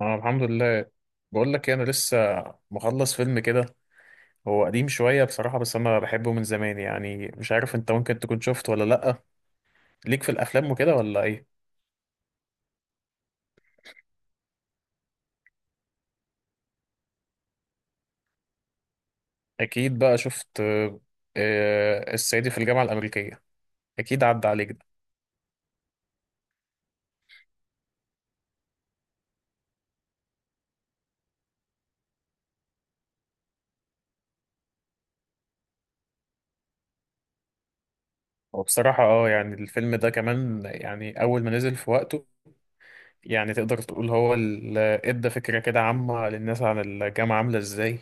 انا الحمد لله. بقول لك إيه، انا لسه مخلص فيلم كده. هو قديم شويه بصراحه، بس انا بحبه من زمان. يعني مش عارف انت ممكن تكون شفت ولا لا، ليك في الافلام وكده ولا ايه. اكيد بقى شفت الصعيدي في الجامعه الامريكيه، اكيد عدى عليك ده. وبصراحه اه يعني الفيلم ده كمان، يعني اول ما نزل في وقته، يعني تقدر تقول هو اللي ادى فكره كده عامه للناس عن الجامعه عامله ازاي،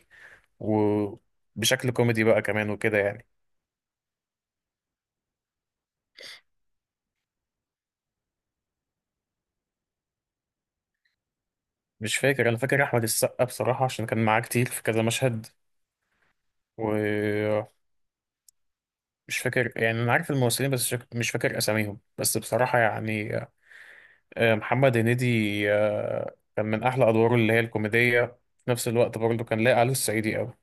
وبشكل كوميدي بقى كمان وكده يعني. مش فاكر، انا فاكر احمد السقا بصراحه عشان كان معاه كتير في كذا مشهد. ومش فاكر، يعني انا عارف الممثلين بس مش فاكر اساميهم. بس بصراحه يعني محمد هنيدي كان من احلى ادواره اللي هي الكوميديه، في نفس الوقت برضه كان لاقي عليه الصعيدي قوي.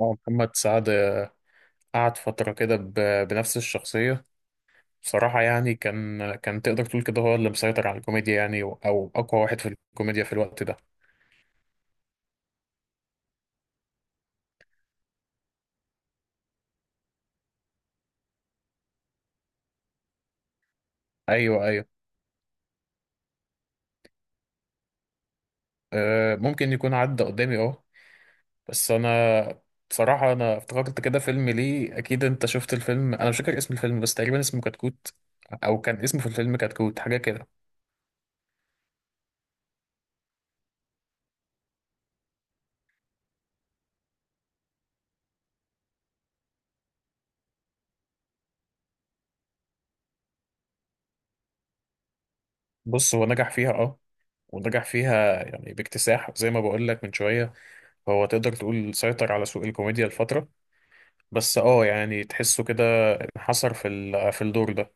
محمد سعد قعد فتره كده بنفس الشخصيه. بصراحه يعني كان تقدر تقول كده هو اللي مسيطر على الكوميديا، يعني او اقوى واحد في الكوميديا في الوقت ده. ايوه ايوه. ممكن يكون عدى قدامي اه. بس انا بصراحة انا افتكرت كده فيلم، ليه اكيد انت شفت الفيلم. انا مش فاكر اسم الفيلم، بس تقريبا اسمه كتكوت، او كان اسمه في الفيلم كتكوت حاجة كده. بص هو نجح فيها اه، ونجح فيها يعني باكتساح زي ما بقول لك من شوية. هو تقدر تقول سيطر على سوق الكوميديا لفترة. بس اه يعني تحسه كده انحصر في في الدور ده.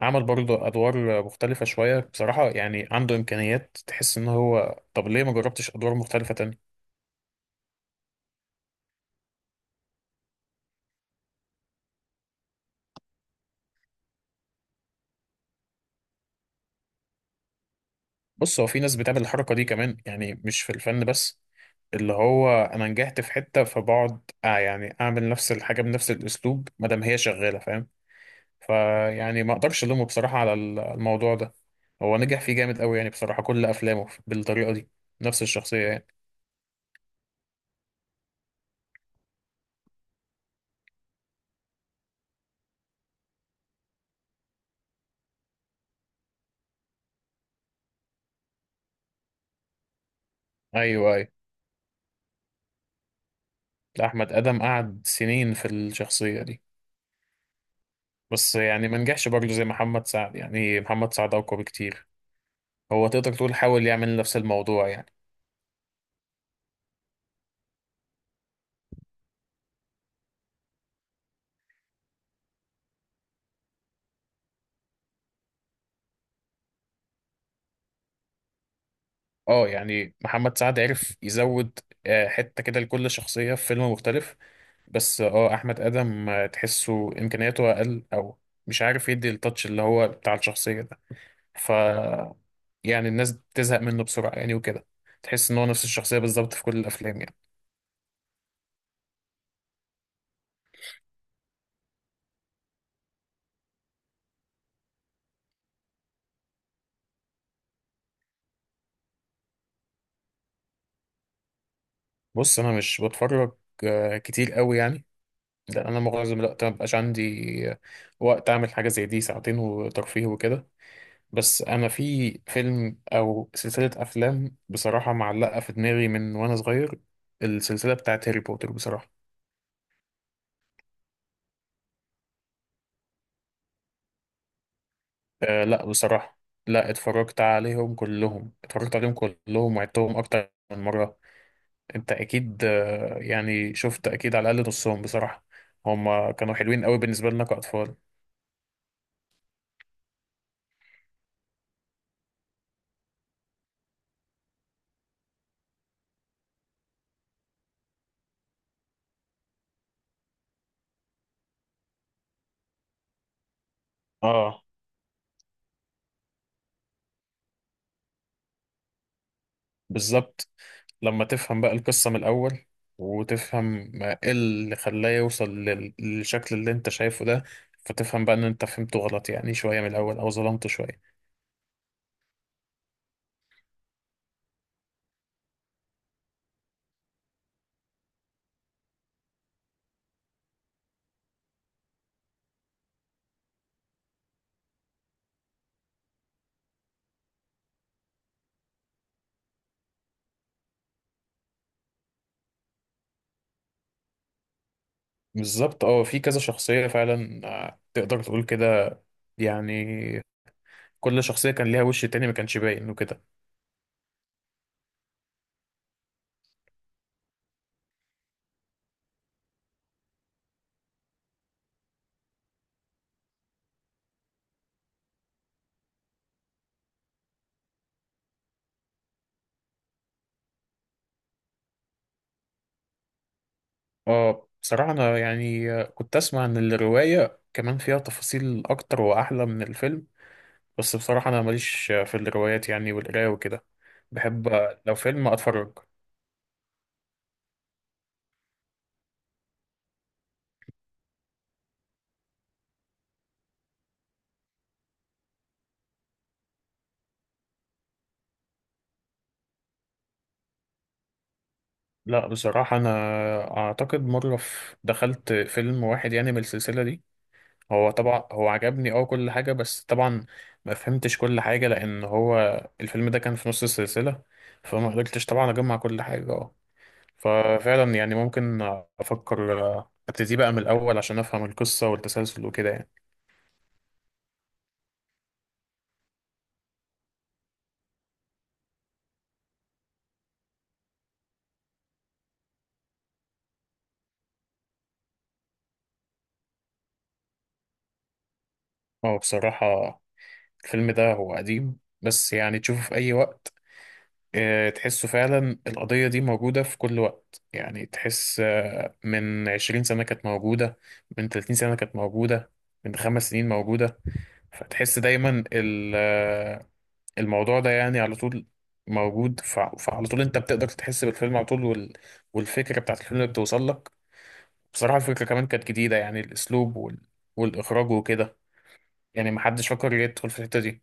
عمل برضه ادوار مختلفة شوية بصراحة، يعني عنده امكانيات، تحس ان هو طب ليه ما جربتش ادوار مختلفة. بص هو في ناس بتعمل الحركة دي كمان، يعني مش في الفن بس، اللي هو انا نجحت في حتة فبقعد آه يعني اعمل نفس الحاجة بنفس الاسلوب ما دام هي شغالة، فاهم؟ فيعني ما اقدرش الومه بصراحة على الموضوع ده. هو نجح فيه جامد قوي، يعني بصراحة كل افلامه بالطريقة دي، نفس الشخصية يعني. ايوه ايوه. لا، احمد ادم قعد سنين في الشخصية دي، بس يعني ما نجحش برضه زي محمد سعد. يعني محمد سعد اقوى بكتير. هو تقدر تقول حاول يعمل نفس الموضوع يعني. اه يعني محمد سعد عرف يزود حتة كده لكل شخصية في فيلم مختلف. بس اه أحمد آدم تحسه إمكانياته أقل، أو مش عارف يدي التاتش اللي هو بتاع الشخصية ده. ف يعني الناس بتزهق منه بسرعة يعني وكده، تحس إن هو نفس الشخصية بالظبط في كل الأفلام يعني. بص أنا مش بتفرج كتير قوي يعني، لأن أنا معظم الوقت مبقاش عندي آه، وقت أعمل حاجة زي دي، ساعتين وترفيه وكده. بس انا في فيلم او سلسله افلام بصراحه معلقه في دماغي من وانا صغير، السلسله بتاعت هاري بوتر بصراحه. أه لا بصراحه، لا اتفرجت عليهم كلهم، اتفرجت عليهم كلهم وعدتهم اكتر من مره. انت اكيد يعني شفت اكيد على الاقل نصهم بصراحه. هم كانوا حلوين قوي بالنسبه لنا كاطفال. اه بالظبط. لما تفهم بقى القصة من الأول وتفهم ما إيه اللي خلاه يوصل للشكل اللي أنت شايفه ده، فتفهم بقى إن أنت فهمته غلط يعني شوية من الأول، أو ظلمته شوية. بالظبط أه في كذا شخصية فعلا، تقدر تقول كده يعني، كل شخصية كان ليها وش تاني ما كانش باين وكده. أه بصراحة أنا يعني كنت أسمع إن الرواية كمان فيها تفاصيل أكتر وأحلى من الفيلم، بس بصراحة أنا ماليش في الروايات يعني والقراية وكده. بحب لو فيلم أتفرج. لا بصراحة أنا أعتقد مرة في دخلت فيلم واحد يعني من السلسلة دي. هو طبعا هو عجبني أه كل حاجة، بس طبعا ما فهمتش كل حاجة، لأن هو الفيلم ده كان في نص السلسلة، فما قدرتش طبعا أجمع كل حاجة أه. ففعلا يعني ممكن أفكر أبتدي بقى من الأول عشان أفهم القصة والتسلسل وكده يعني. هو بصراحة الفيلم ده هو قديم، بس يعني تشوفه في أي وقت تحسه فعلا القضية دي موجودة في كل وقت. يعني تحس من 20 سنة كانت موجودة، من 30 سنة كانت موجودة، من 5 سنين موجودة. فتحس دايما الموضوع ده يعني على طول موجود. فعلى طول انت بتقدر تحس بالفيلم على طول والفكرة بتاعت الفيلم بتوصل لك. بصراحة الفكرة كمان كانت جديدة، يعني الأسلوب والإخراج وكده، يعني محدش فكر يدخل في الحتة دي.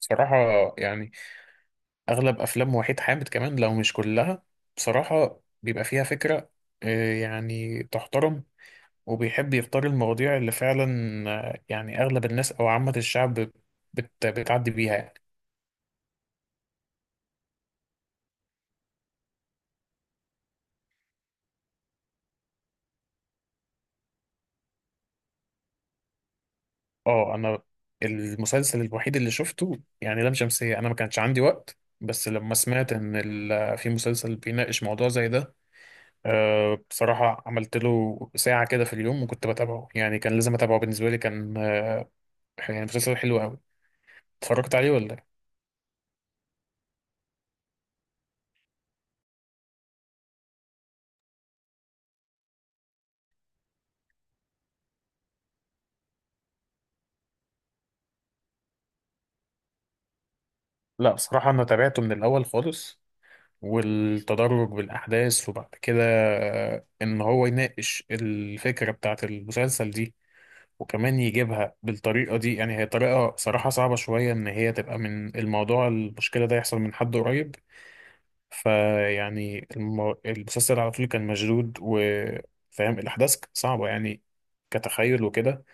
بصراحة يعني اغلب افلام وحيد حامد كمان لو مش كلها، بصراحة بيبقى فيها فكرة يعني تحترم، وبيحب يختار المواضيع اللي فعلا يعني اغلب الناس او عامة الشعب بتعدي بيها يعني. اه انا المسلسل الوحيد اللي شفته يعني لام شمسية، انا ما كانش عندي وقت، بس لما سمعت ان في مسلسل بيناقش موضوع زي ده بصراحة عملت له ساعة كده في اليوم وكنت بتابعه. يعني كان لازم أتابعه، بالنسبة لي كان يعني مسلسل حلو أوي. اتفرجت عليه ولا؟ لا بصراحة أنا تابعته من الأول خالص، والتدرج بالأحداث وبعد كده إن هو يناقش الفكرة بتاعة المسلسل دي، وكمان يجيبها بالطريقة دي. يعني هي طريقة صراحة صعبة شوية، إن هي تبقى من الموضوع المشكلة ده يحصل من حد قريب. فيعني المسلسل على طول كان مشدود، وفاهم الأحداث صعبة يعني كتخيل وكده.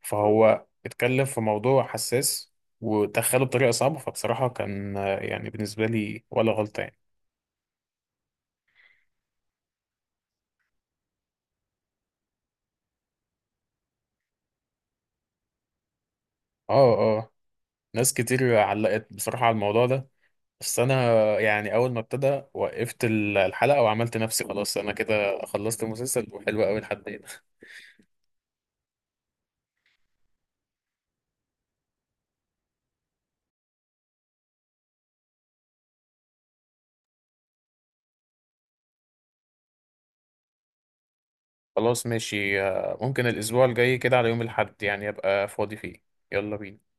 فهو اتكلم في موضوع حساس ودخله بطريقة صعبة، فبصراحة كان يعني بالنسبة لي ولا غلطة يعني. اه اه، ناس كتير علقت بصراحة على الموضوع ده، بس انا يعني اول ما ابتدى وقفت الحلقة وعملت نفسي خلاص انا كده خلصت المسلسل وحلو قوي لحد هنا. خلاص ماشي ممكن الاسبوع الجاي كده على يوم الاحد يعني ابقى فاضي فيه، يلا بينا.